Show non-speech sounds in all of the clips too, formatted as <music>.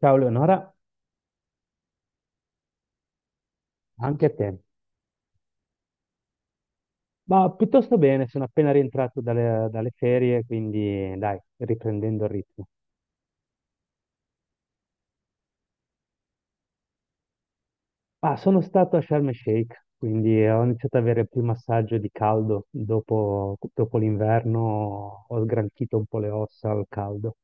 Ciao Leonora, anche a te. Ma piuttosto bene, sono appena rientrato dalle ferie, quindi dai, riprendendo il ritmo. Ah, sono stato a Sharm el Sheikh, quindi ho iniziato ad avere il primo assaggio di caldo dopo l'inverno, ho sgranchito un po' le ossa al caldo.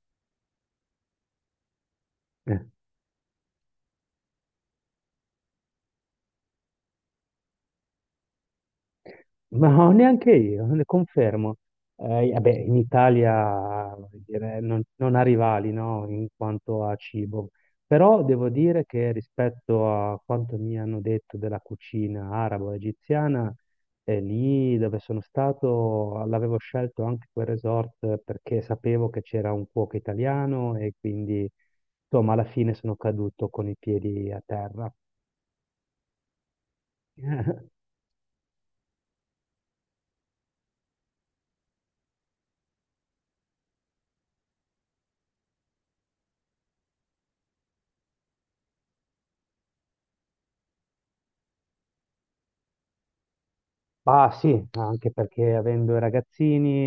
<laughs> Ma <laughs> no, neanche io, ne confermo. Vabbè, in Italia voglio dire, non ha rivali, no, in quanto a cibo, però devo dire che rispetto a quanto mi hanno detto della cucina arabo-egiziana, lì dove sono stato l'avevo scelto anche quel resort perché sapevo che c'era un cuoco italiano e quindi, insomma, alla fine sono caduto con i piedi a terra. <laughs> Ah sì, anche perché avendo i ragazzini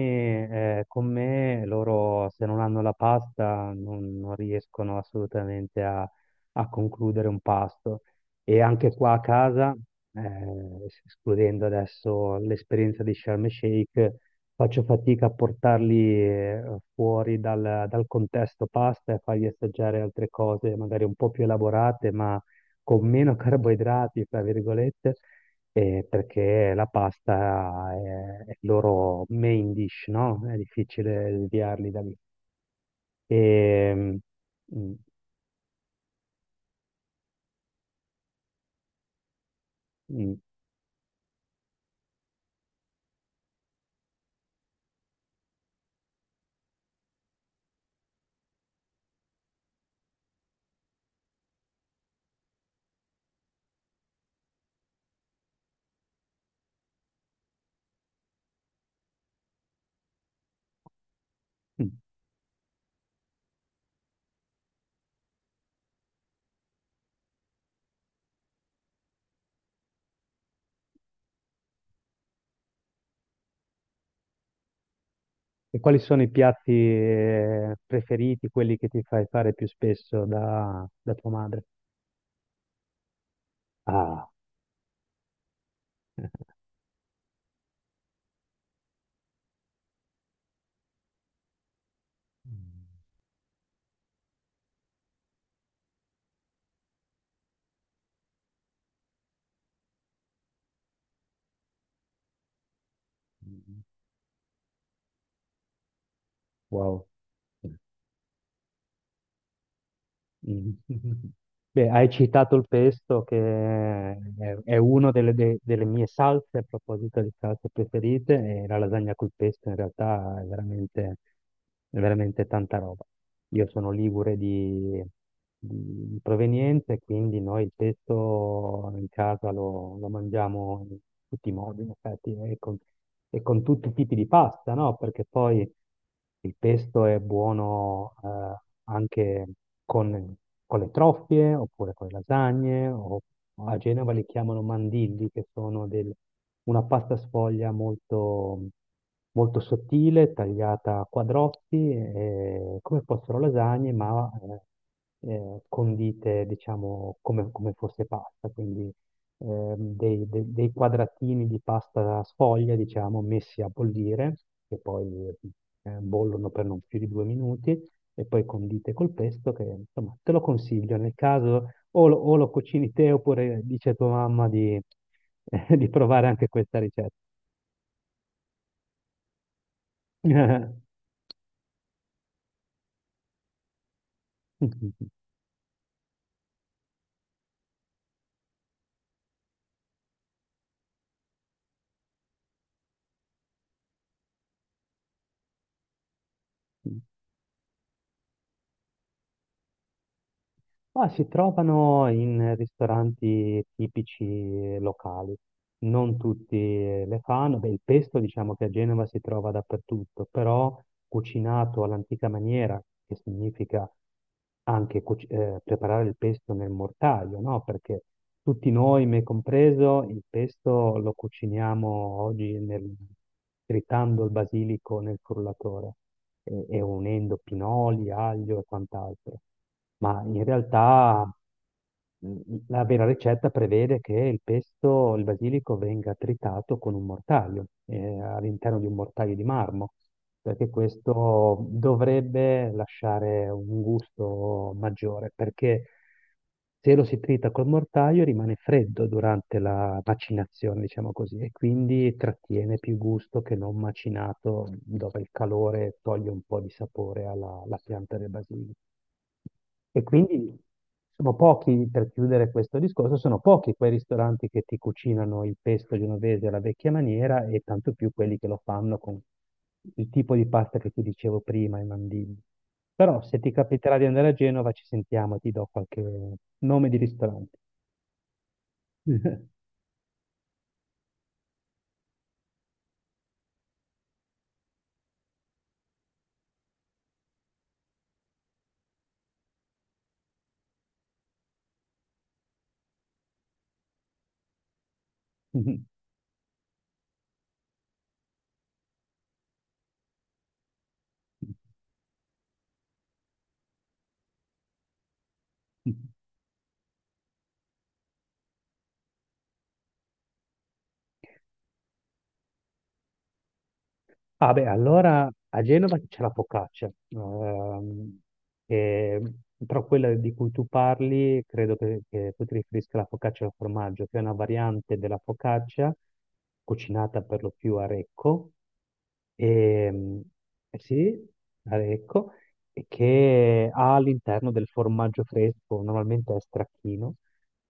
con me, loro se non hanno la pasta non riescono assolutamente a concludere un pasto. E anche qua a casa, escludendo adesso l'esperienza di Sharm el Sheikh, faccio fatica a portarli fuori dal contesto pasta e fargli assaggiare altre cose magari un po' più elaborate, ma con meno <laughs> carboidrati, fra virgolette perché la è il loro main dish, no? È difficile sviarli da lì. E, mm, mm, mm. E quali sono i piatti preferiti, quelli che ti fai fare più spesso da tua madre? Ah, <laughs> mm. Wow. Mm. <laughs> Beh, hai citato il pesto è una delle mie salse, a proposito di salse preferite, e la lasagna col pesto in realtà è veramente tanta roba. Io sono ligure di provenienza, quindi noi il pesto in casa lo mangiamo in tutti i modi, in effetti, e con tutti i tipi di pasta, no? Perché poi... Il pesto è buono anche con, con le troffie oppure con le lasagne, o a Genova li chiamano mandilli, che sono del- una pasta sfoglia molto sottile, tagliata a quadrotti, come fossero lasagne, ma condite, diciamo, come fosse pasta. Quindi dei quadratini di pasta sfoglia, diciamo, messi a bollire, che poi bollono per non più di due minuti, e poi condite col pesto, che insomma te lo consiglio nel caso o lo cucini te oppure dice a tua mamma di, <laughs> di provare anche questa ricetta. <laughs> Ma si trovano in ristoranti tipici locali. Non tutti le fanno. Beh, il pesto diciamo che a Genova si trova dappertutto, però cucinato all'antica maniera, che significa anche preparare il pesto nel mortaio, no? Perché tutti noi, me compreso, il pesto lo cuciniamo oggi nel- tritando il basilico nel frullatore e unendo pinoli, aglio e quant'altro. Ma in realtà. La vera ricetta prevede che il pesto, il basilico, venga tritato con un mortaio, all'interno di un mortaio di marmo, perché questo dovrebbe lasciare un gusto maggiore, perché se lo si trita col mortaio rimane freddo durante la macinazione, diciamo così, e quindi trattiene più gusto che non macinato, dove il calore toglie un po' di sapore alla alla pianta del basilico. E quindi sono pochi, per chiudere questo discorso, sono pochi quei ristoranti che ti cucinano il pesto genovese alla vecchia maniera e tanto più quelli che lo fanno con il tipo di pasta che ti dicevo prima, i mandini. Però se ti capiterà di andare a Genova ci sentiamo e ti do qualche nome di ristorante. <laughs> Ah beh, allora a Genova c'è la focaccia, che- però quella di cui tu parli credo che tu ti riferisca alla focaccia al formaggio, che è una variante della focaccia cucinata per lo più a Recco, ehm, eh sì, a Recco, e che ha all'interno del formaggio fresco, normalmente è stracchino,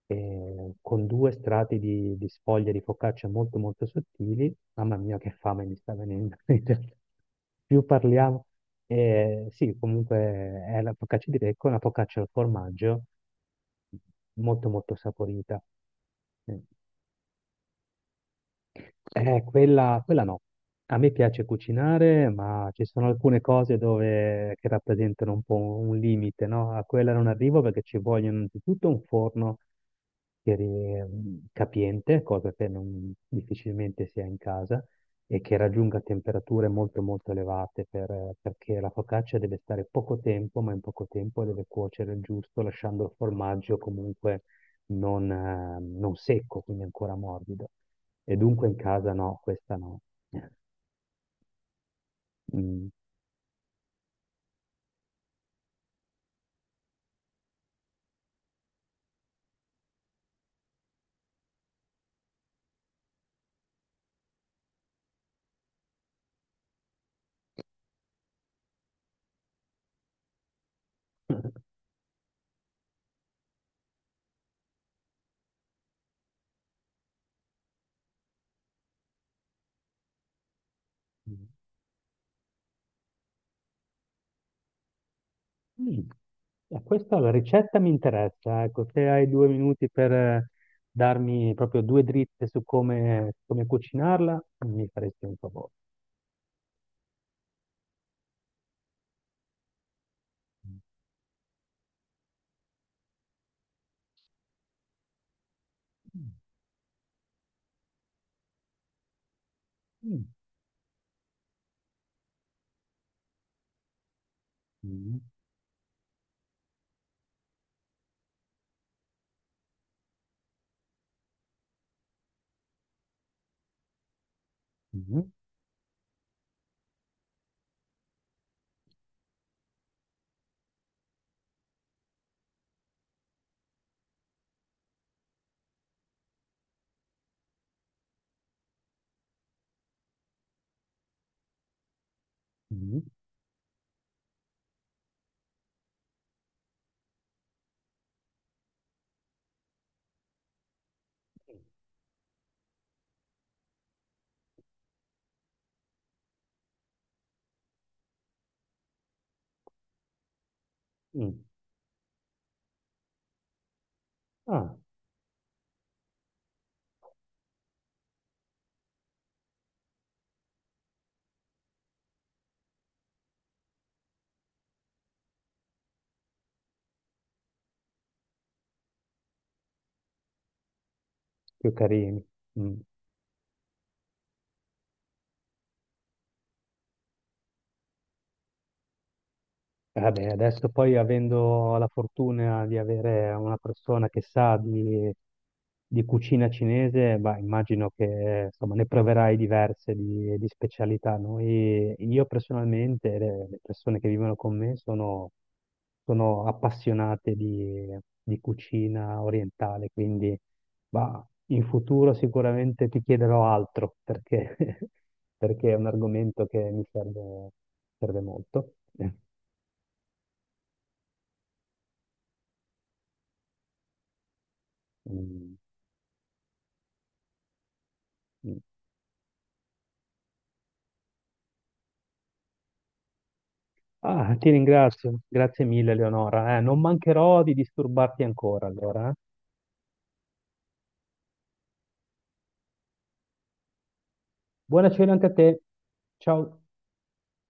con due strati di sfoglia di focaccia molto molto sottili. Mamma mia, che fame mi sta venendo. <laughs> In realtà. Più parliamo. Sì, comunque è la focaccia di becco, una focaccia al formaggio molto molto saporita. Eh, quella no. A me piace cucinare, ma ci sono alcune cose dove, che rappresentano un po' un limite, no? A quella non arrivo perché ci vogliono innanzitutto un forno che ri- capiente, cosa che non- difficilmente si ha in casa, e che raggiunga temperature molto molto elevate per- perché la focaccia deve stare poco tempo, ma in poco tempo deve cuocere il giusto, lasciando il formaggio comunque non secco, quindi ancora morbido. E dunque in casa no, questa no. Mm. Mm. <laughs> Questa la ricetta mi interessa, ecco, se hai due minuti per darmi proprio due dritte su come cucinarla, mi faresti un favore. Mm. Mm. Mm. Mm. Mm. Mm. Ah, più carini. Mm. Vabbè, adesso poi avendo la fortuna di avere una persona che sa di cucina cinese, bah, immagino che insomma, ne proverai diverse di specialità. Noi, io personalmente, e le persone che vivono con me sono appassionate di cucina orientale, quindi bah, in futuro sicuramente ti chiederò altro perché, <laughs> perché è un argomento che mi serve molto. <laughs> Mm. Ah, ti ringrazio, grazie mille Leonora. Non mancherò di disturbarti ancora allora. Eh. Buona cena anche a te. Ciao.